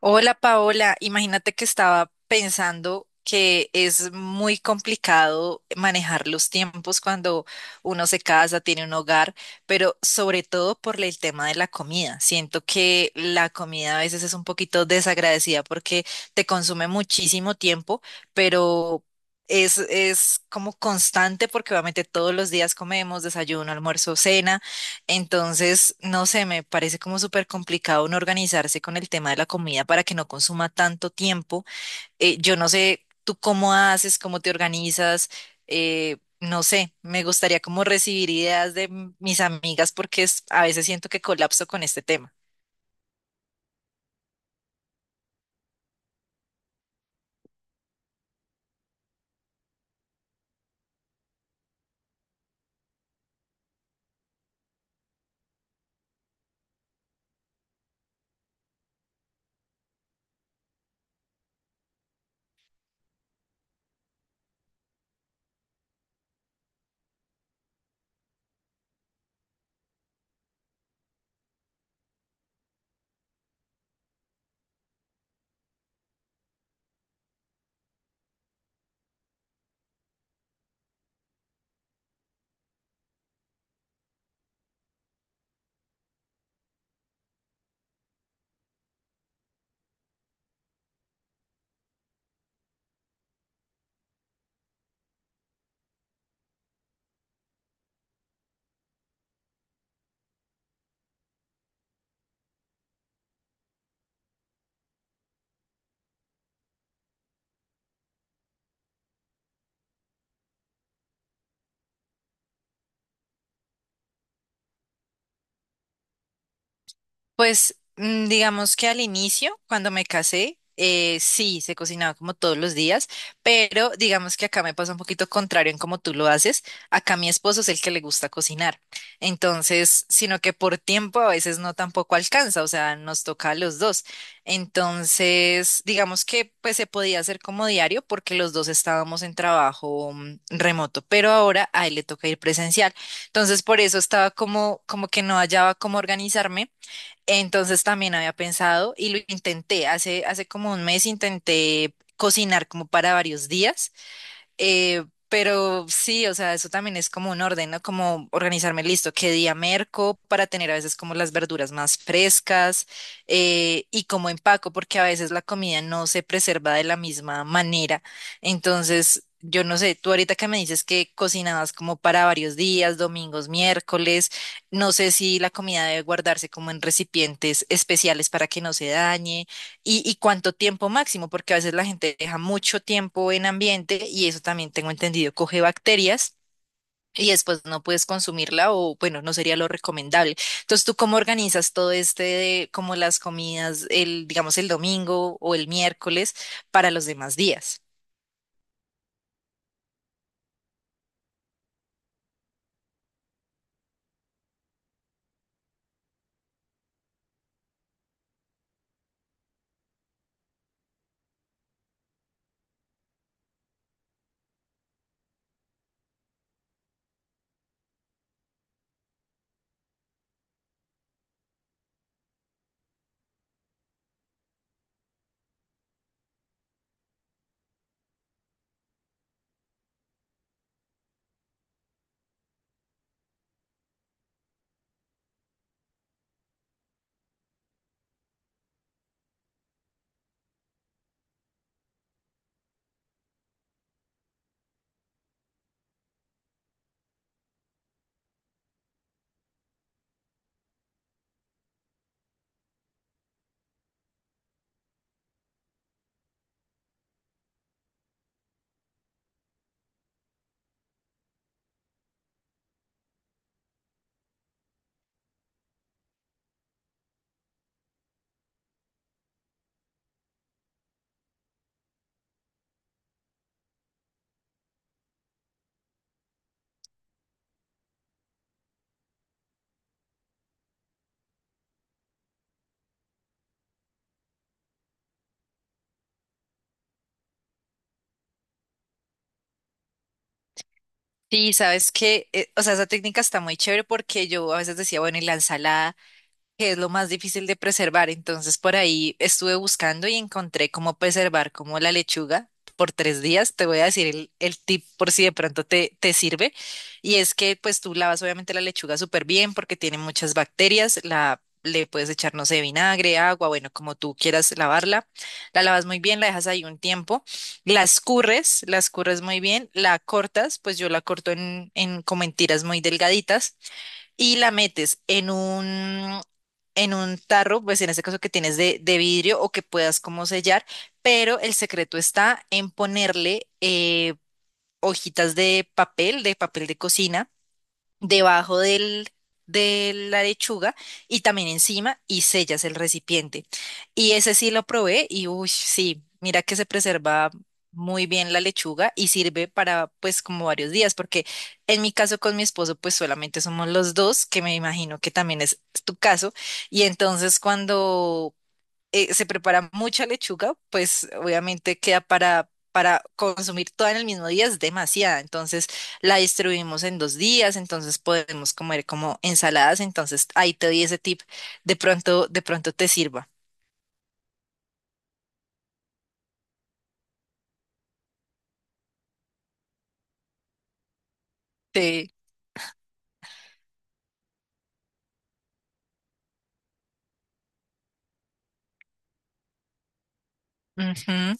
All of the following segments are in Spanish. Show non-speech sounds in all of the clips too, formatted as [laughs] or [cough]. Hola Paola, imagínate que estaba pensando que es muy complicado manejar los tiempos cuando uno se casa, tiene un hogar, pero sobre todo por el tema de la comida. Siento que la comida a veces es un poquito desagradecida porque te consume muchísimo tiempo, pero es como constante porque obviamente todos los días comemos desayuno, almuerzo, cena. Entonces, no sé, me parece como súper complicado uno organizarse con el tema de la comida para que no consuma tanto tiempo. Yo no sé tú cómo haces, cómo te organizas, no sé, me gustaría como recibir ideas de mis amigas porque a veces siento que colapso con este tema. Pues digamos que al inicio, cuando me casé, sí, se cocinaba como todos los días, pero digamos que acá me pasa un poquito contrario en cómo tú lo haces. Acá mi esposo es el que le gusta cocinar. Entonces, sino que por tiempo a veces no tampoco alcanza, o sea, nos toca a los dos. Entonces, digamos que pues se podía hacer como diario porque los dos estábamos en trabajo remoto, pero ahora a él le toca ir presencial. Entonces, por eso estaba como, como que no hallaba cómo organizarme, entonces también había pensado y lo intenté, hace como 1 mes intenté cocinar como para varios días, pero sí, o sea, eso también es como un orden, ¿no? Como organizarme listo, qué día merco para tener a veces como las verduras más frescas, y como empaco, porque a veces la comida no se preserva de la misma manera. Entonces, yo no sé, tú ahorita que me dices que cocinabas como para varios días, domingos, miércoles, no sé si la comida debe guardarse como en recipientes especiales para que no se dañe. Y cuánto tiempo máximo? Porque a veces la gente deja mucho tiempo en ambiente y eso también tengo entendido, coge bacterias y después no puedes consumirla o bueno, no sería lo recomendable. Entonces, ¿tú cómo organizas todo este, de, como las comidas, el, digamos, el domingo o el miércoles para los demás días? Sí, sabes que, o sea, esa técnica está muy chévere porque yo a veces decía, bueno, y la ensalada, que es lo más difícil de preservar. Entonces por ahí estuve buscando y encontré cómo preservar como la lechuga por 3 días. Te voy a decir el tip por si de pronto te sirve. Y es que pues tú lavas obviamente la lechuga súper bien porque tiene muchas bacterias. La, le puedes echar, no sé, vinagre, agua, bueno, como tú quieras lavarla. La lavas muy bien, la dejas ahí un tiempo. La escurres muy bien, la cortas, pues yo la corto en como en tiras muy delgaditas y la metes en un tarro, pues en este caso que tienes de vidrio o que puedas como sellar, pero el secreto está en ponerle hojitas de papel, de papel de cocina debajo del, de la lechuga, y también encima y sellas el recipiente. Y ese sí lo probé y uy, sí, mira que se preserva muy bien la lechuga y sirve para pues como varios días, porque en mi caso con mi esposo pues solamente somos los dos, que me imagino que también es tu caso, y entonces cuando se prepara mucha lechuga, pues obviamente queda para consumir toda en el mismo día, es demasiada. Entonces la distribuimos en 2 días, entonces podemos comer como ensaladas. Entonces ahí te doy ese tip, de pronto te sirva. Sí. Ujú,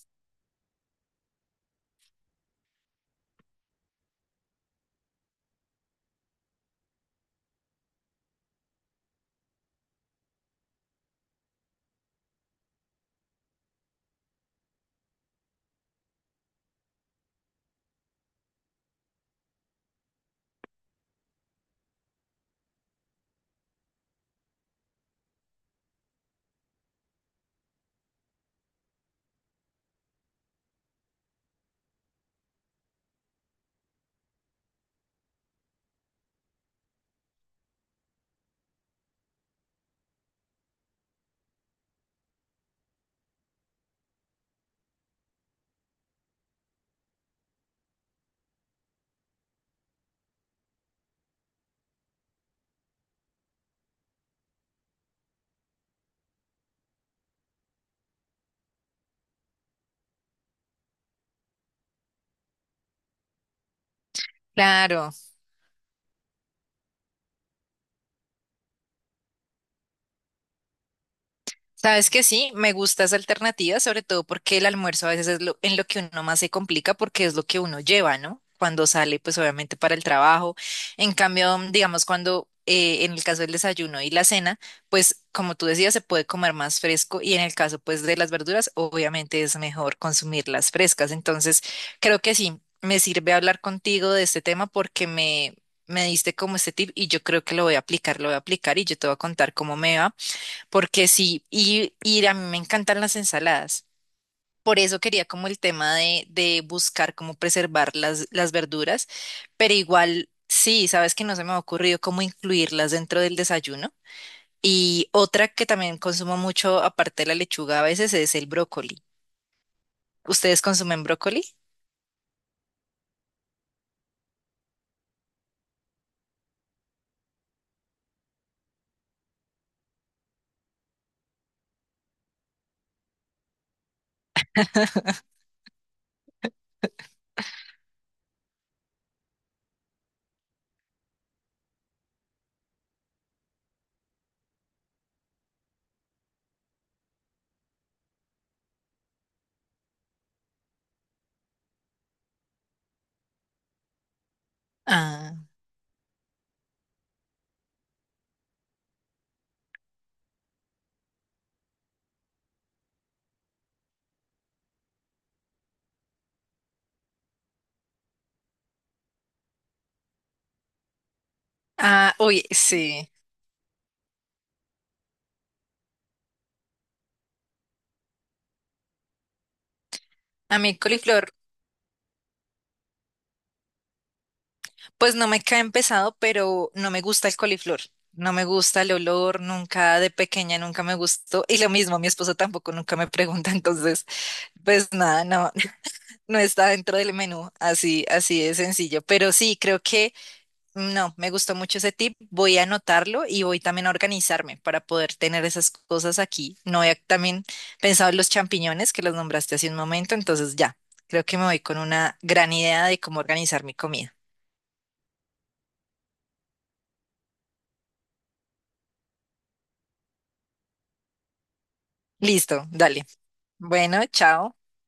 claro. Sabes que sí, me gusta esa alternativa, sobre todo porque el almuerzo a veces es lo, en lo que uno más se complica porque es lo que uno lleva, ¿no? Cuando sale, pues obviamente para el trabajo. En cambio, digamos, cuando en el caso del desayuno y la cena, pues como tú decías, se puede comer más fresco y en el caso, pues, de las verduras, obviamente es mejor consumirlas frescas. Entonces, creo que sí, me sirve hablar contigo de este tema porque me diste como este tip y yo creo que lo voy a aplicar, lo voy a aplicar y yo te voy a contar cómo me va, porque sí, y a mí me encantan las ensaladas. Por eso quería como el tema de buscar cómo preservar las verduras, pero igual sí, sabes que no se me ha ocurrido cómo incluirlas dentro del desayuno. Y otra que también consumo mucho, aparte de la lechuga a veces, es el brócoli. ¿Ustedes consumen brócoli? Ah, ah, uy, sí. A mí el coliflor. Pues no me cae pesado, pero no me gusta el coliflor. No me gusta el olor, nunca de pequeña, nunca me gustó. Y lo mismo, mi esposo tampoco nunca me pregunta, [laughs] entonces, pues nada, no, [laughs] no está dentro del menú, así, así de sencillo. Pero sí, creo que no, me gustó mucho ese tip. Voy a anotarlo y voy también a organizarme para poder tener esas cosas aquí. No había también pensado en los champiñones que los nombraste hace un momento, entonces ya, creo que me voy con una gran idea de cómo organizar mi comida. Listo, dale. Bueno, chao.